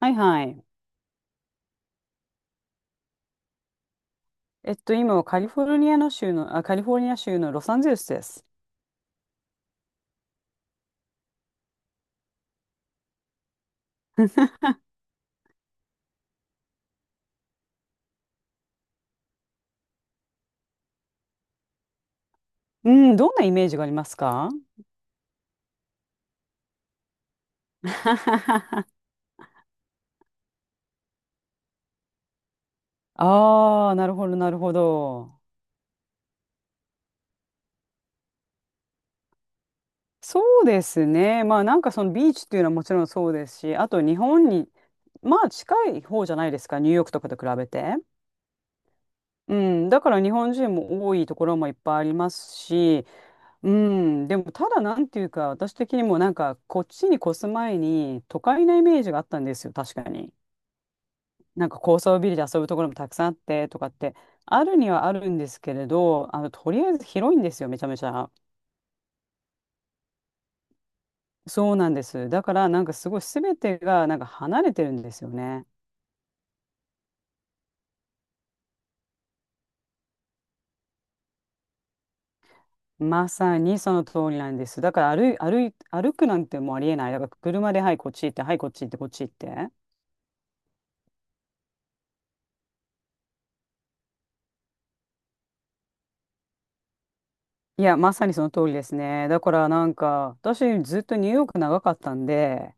はいはい。今はカリフォルニアの州の、あ、カリフォルニア州のロサンゼルスです。うん、どんなイメージがありますか？ ああ、なるほど、なるほど。そうですね。まあ、なんかそのビーチっていうのはもちろんそうですし、あと日本に、まあ、近い方じゃないですか、ニューヨークとかと比べて。うん、だから日本人も多いところもいっぱいありますし、うん、でもただなんていうか、私的にもなんかこっちに越す前に都会なイメージがあったんですよ、確かに。なんか高層ビルで遊ぶところもたくさんあってとかってあるにはあるんですけれど、あのとりあえず広いんですよ、めちゃめちゃ。そうなんです。だからなんかすごい全てがなんか離れてるんですよね。まさにその通りなんです。だから歩くなんてもうありえない。だから車で、はいこっち行って、はいこっち行って、こっち行って。いや、まさにその通りですね。だからなんか私ずっとニューヨーク長かったんで、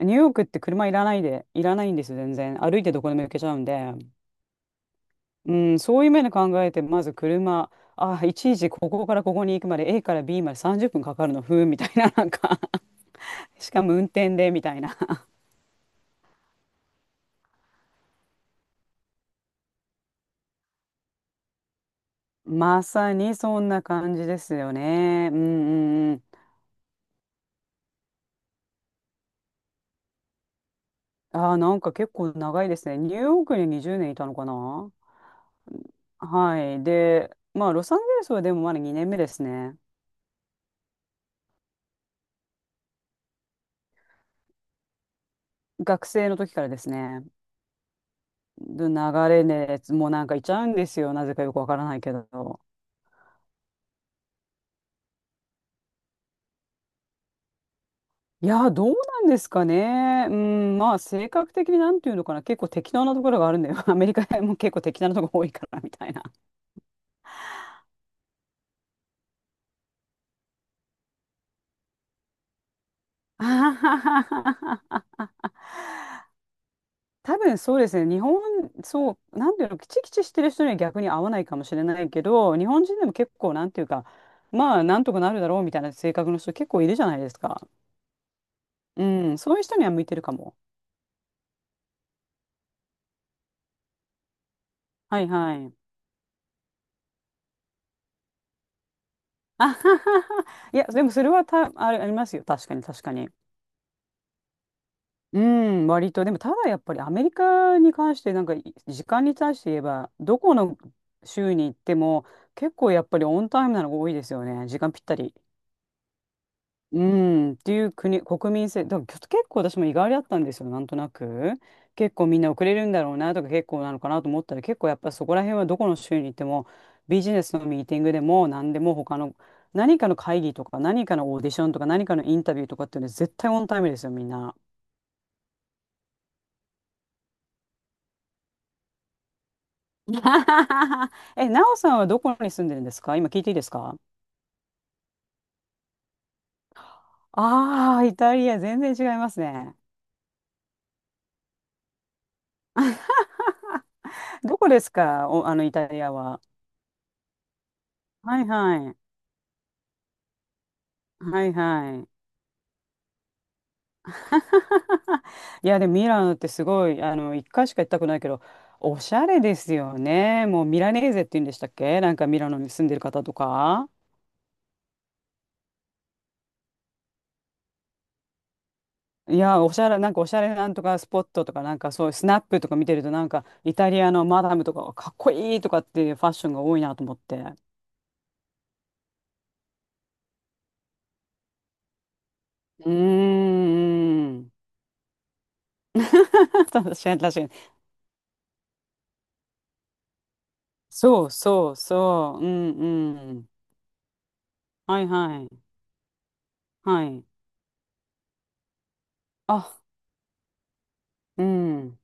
ニューヨークって車いらないでいらないんですよ、全然。歩いてどこでも行けちゃうんで。うん、そういう面で考えて、まず車、ああ、いちいちここからここに行くまで A から B まで30分かかるの、ふーん、みたいな、なんか しかも運転で、みたいな。まさにそんな感じですよね。うんうんうん。ああ、なんか結構長いですね。ニューヨークに20年いたのかな。はい。で、まあ、ロサンゼルスはでもまだ2年目ですね。学生の時からですね。で、流れで、もうなんかいちゃうんですよ。なぜかよくわからないけど。いや、どうなんですかね。うん、まあ、性格的になんていうのかな。結構適当なところがあるんだよ。アメリカも結構適当なところ多いから、みたいな。あはははは、多分そうですね。日本、そう、なんていうの、キチキチしてる人には逆に合わないかもしれないけど、日本人でも結構、なんていうか、まあ、なんとかなるだろうみたいな性格の人結構いるじゃないですか。うん、そういう人には向いてるかも。はいはい。あははは。いや、でもそれはた、あれ、ありますよ。確かに、確かに。うん、割と。でも、ただやっぱりアメリカに関して、なんか、時間に対して言えば、どこの州に行っても、結構やっぱりオンタイムなのが多いですよね。時間ぴったり。うん、っていう国、国民性。だから結構私も意外だったんですよ、なんとなく。結構みんな遅れるんだろうなとか、結構なのかなと思ったら、結構やっぱそこら辺はどこの州に行っても、ビジネスのミーティングでも、何でも他の、何かの会議とか、何かのオーディションとか、何かのインタビューとかっていうのは絶対オンタイムですよ、みんな。え、なおさんはどこに住んでるんですか？今聞いていいですか？ああー、イタリア、全然違いますね。どこですか？お、あの、イタリアは。はいはい。はいはい。いや、でもミラノってすごい、あの、一回しか行ったくないけど、おしゃれですよね。もうミラネーゼって言うんでしたっけ？なんかミラノに住んでる方とか。いや、おしゃれ、なんかおしゃれなんとかスポットとか、なんかそういうスナップとか見てると、なんかイタリアのマダムとかはかっこいいとかっていうファッションが多いなと思って。うーん。確かに、確かに。そうそうそう。うんうん。はいはい。はい。あ、うん。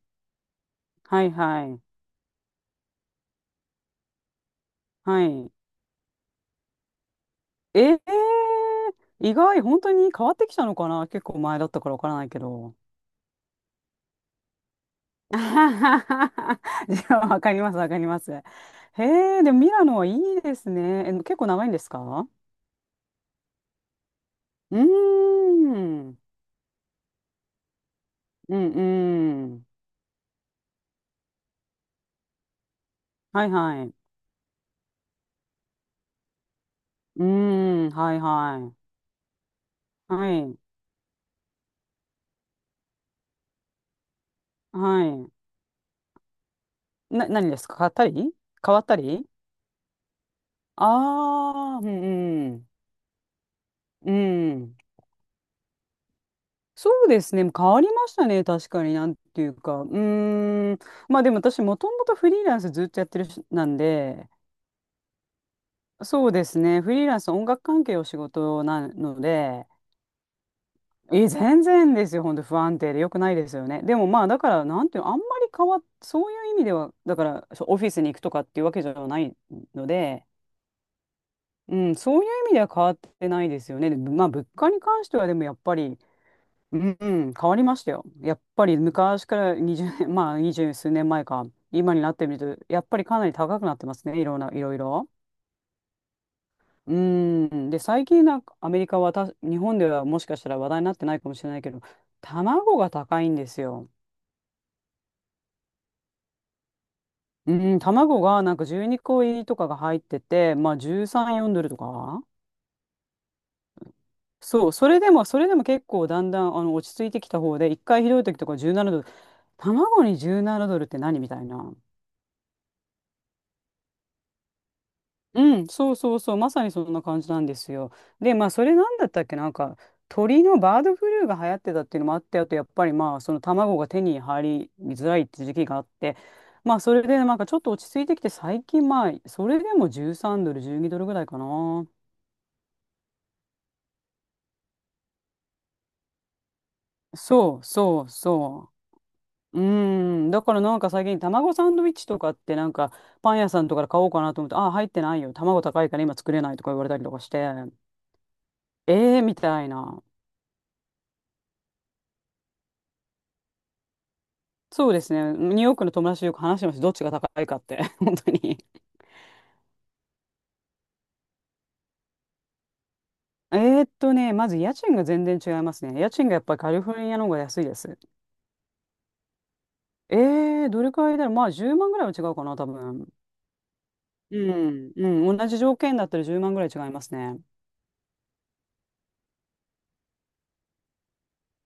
はいはい。はい。えー、意外、本当に変わってきたのかな？結構前だったからわからないけど。じゃあ、わかります、わかります。へえ、でもミラノはいいですね。え、結構長いんですか？うーん。うんうん。はいはい。うーん、はいはい。はい。はい。何ですか？買ったり変わったり？ああー、うんうん。うん。そうですね。変わりましたね。確かになんていうか。うーん。まあでも私もともとフリーランスずっとやってるし、なんで、そうですね。フリーランス音楽関係お仕事なので、え、全然ですよ。本当不安定で良くないですよね。でもまあだから、なんていうの、あんまり変わっ、そういう意味では、だからそうオフィスに行くとかっていうわけじゃないので、うん、そういう意味では変わってないですよね。でまあ、物価に関してはでもやっぱり、うん、うん変わりましたよ。やっぱり昔から20年、まあ、20数年前か、今になってみると、やっぱりかなり高くなってますね、いろんな、いろいろ。うん、で、最近なんかアメリカは日本ではもしかしたら話題になってないかもしれないけど、卵が高いんですよ。うん、卵がなんか12個入りとかが入ってて、まあ13、4ドルとか。そう、それでも、それでも結構だんだんあの落ち着いてきた方で、一回ひどい時とか17ドル、卵に17ドルって何みたいな。うん、そうそうそう、まさにそんな感じなんですよ。で、まあ、それなんだったっけ、なんか、鳥のバードフルーが流行ってたっていうのもあって、あとやっぱりまあ、その卵が手に入りづらいって時期があって、まあ、それでなんかちょっと落ち着いてきて、最近まあ、それでも13ドル、12ドルぐらいかな。そうそうそう。うーん、だからなんか最近卵サンドイッチとかってなんかパン屋さんとかで買おうかなと思って、あ入ってないよ。卵高いから今作れないとか言われたりとかして、えー、みたいな。そうですね。ニューヨークの友達とよく話してました。どっちが高いかって。本当に。まず家賃が全然違いますね。家賃がやっぱりカリフォルニアの方が安いです。えー、どれくらいだろう。まあ10万ぐらいは違うかな、多分。うん、うん、同じ条件だったら10万ぐらい違いますね。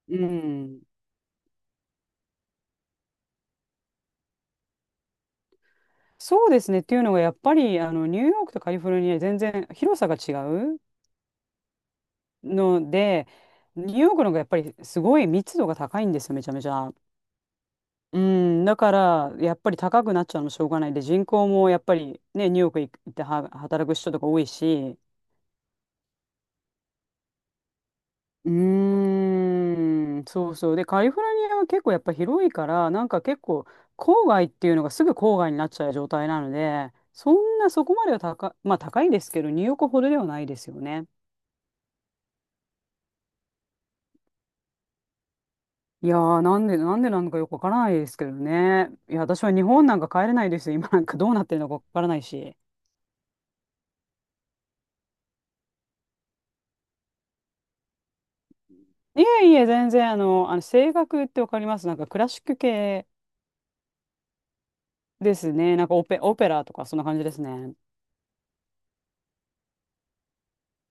うん。そうですね。っていうのが、やっぱり、あの、ニューヨークとカリフォルニア、全然広さが違うので、ニューヨークの方がやっぱりすごい密度が高いんですよ、めちゃめちゃ。うん、だから、やっぱり高くなっちゃうのしょうがないで、人口もやっぱりね、ニューヨーク行っては働く人とか多いし、うーん、そうそう。で、カリフォルニアは結構やっぱ広いから、なんか結構、郊外っていうのがすぐ郊外になっちゃう状態なので、そんなそこまでは高、まあ高いですけど、ニューヨークほどではないですよね。いやー、なんでなのかよくわからないですけどね。いや、私は日本なんか帰れないですよ。今なんかどうなってるのかわからないし。いえいえ、全然、あの、あの、声楽ってわかりますなんかクラシック系ですね。なんかオペラとかそんな感じですね。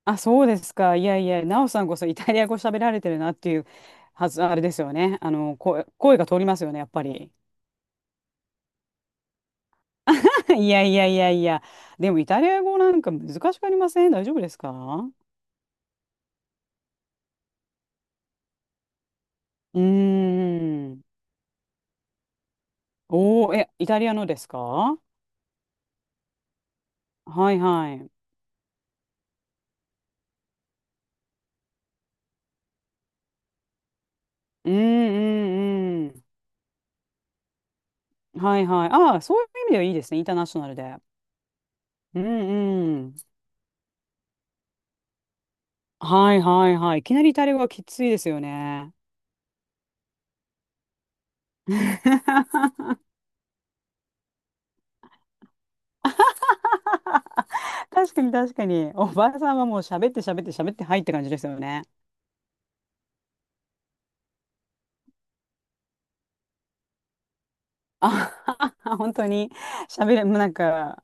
あ、そうですか。いやいや、ナオさんこそイタリア語喋られてるなっていうはず、あれですよね。あの、声が通りますよね、やっぱり。いやいやいやいや。でもイタリア語なんか難しくありません大丈夫ですか？うーん。おー、え、イタリアのですか？はいはい。うんうんうん。はいはい。ああ、そういう意味ではいいですね。インターナショナルで。うんうん。はいはいはい。いきなりイタリア語はきついですよね。確かに確かに。おばあさんはもう喋って喋って喋ってはいって感じですよね。あ、本当に喋れ、もうなんか、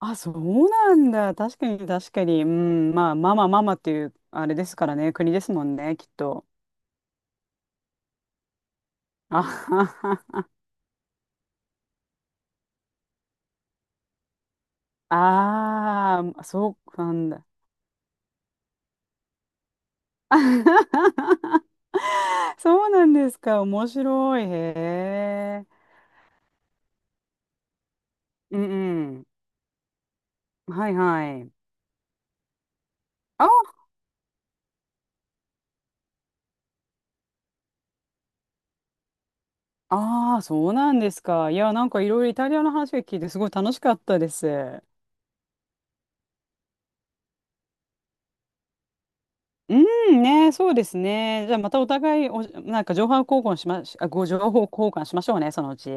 あ、そうなんだ。確かに確かに。うん、まあ、ママママっていう、あれですからね。国ですもんね、きっと。あ ああ、まそうなんだ。そうなんですか。面白い。へえ。うんうん。はいはい。あ、ああ、そうなんですか。いや、なんかいろいろイタリアの話を聞いて、すごい楽しかったです。うんね、そうですね。じゃあまたお互いお、なんか情報交換しまし、あ、ご情報交換しましょうね、そのうち。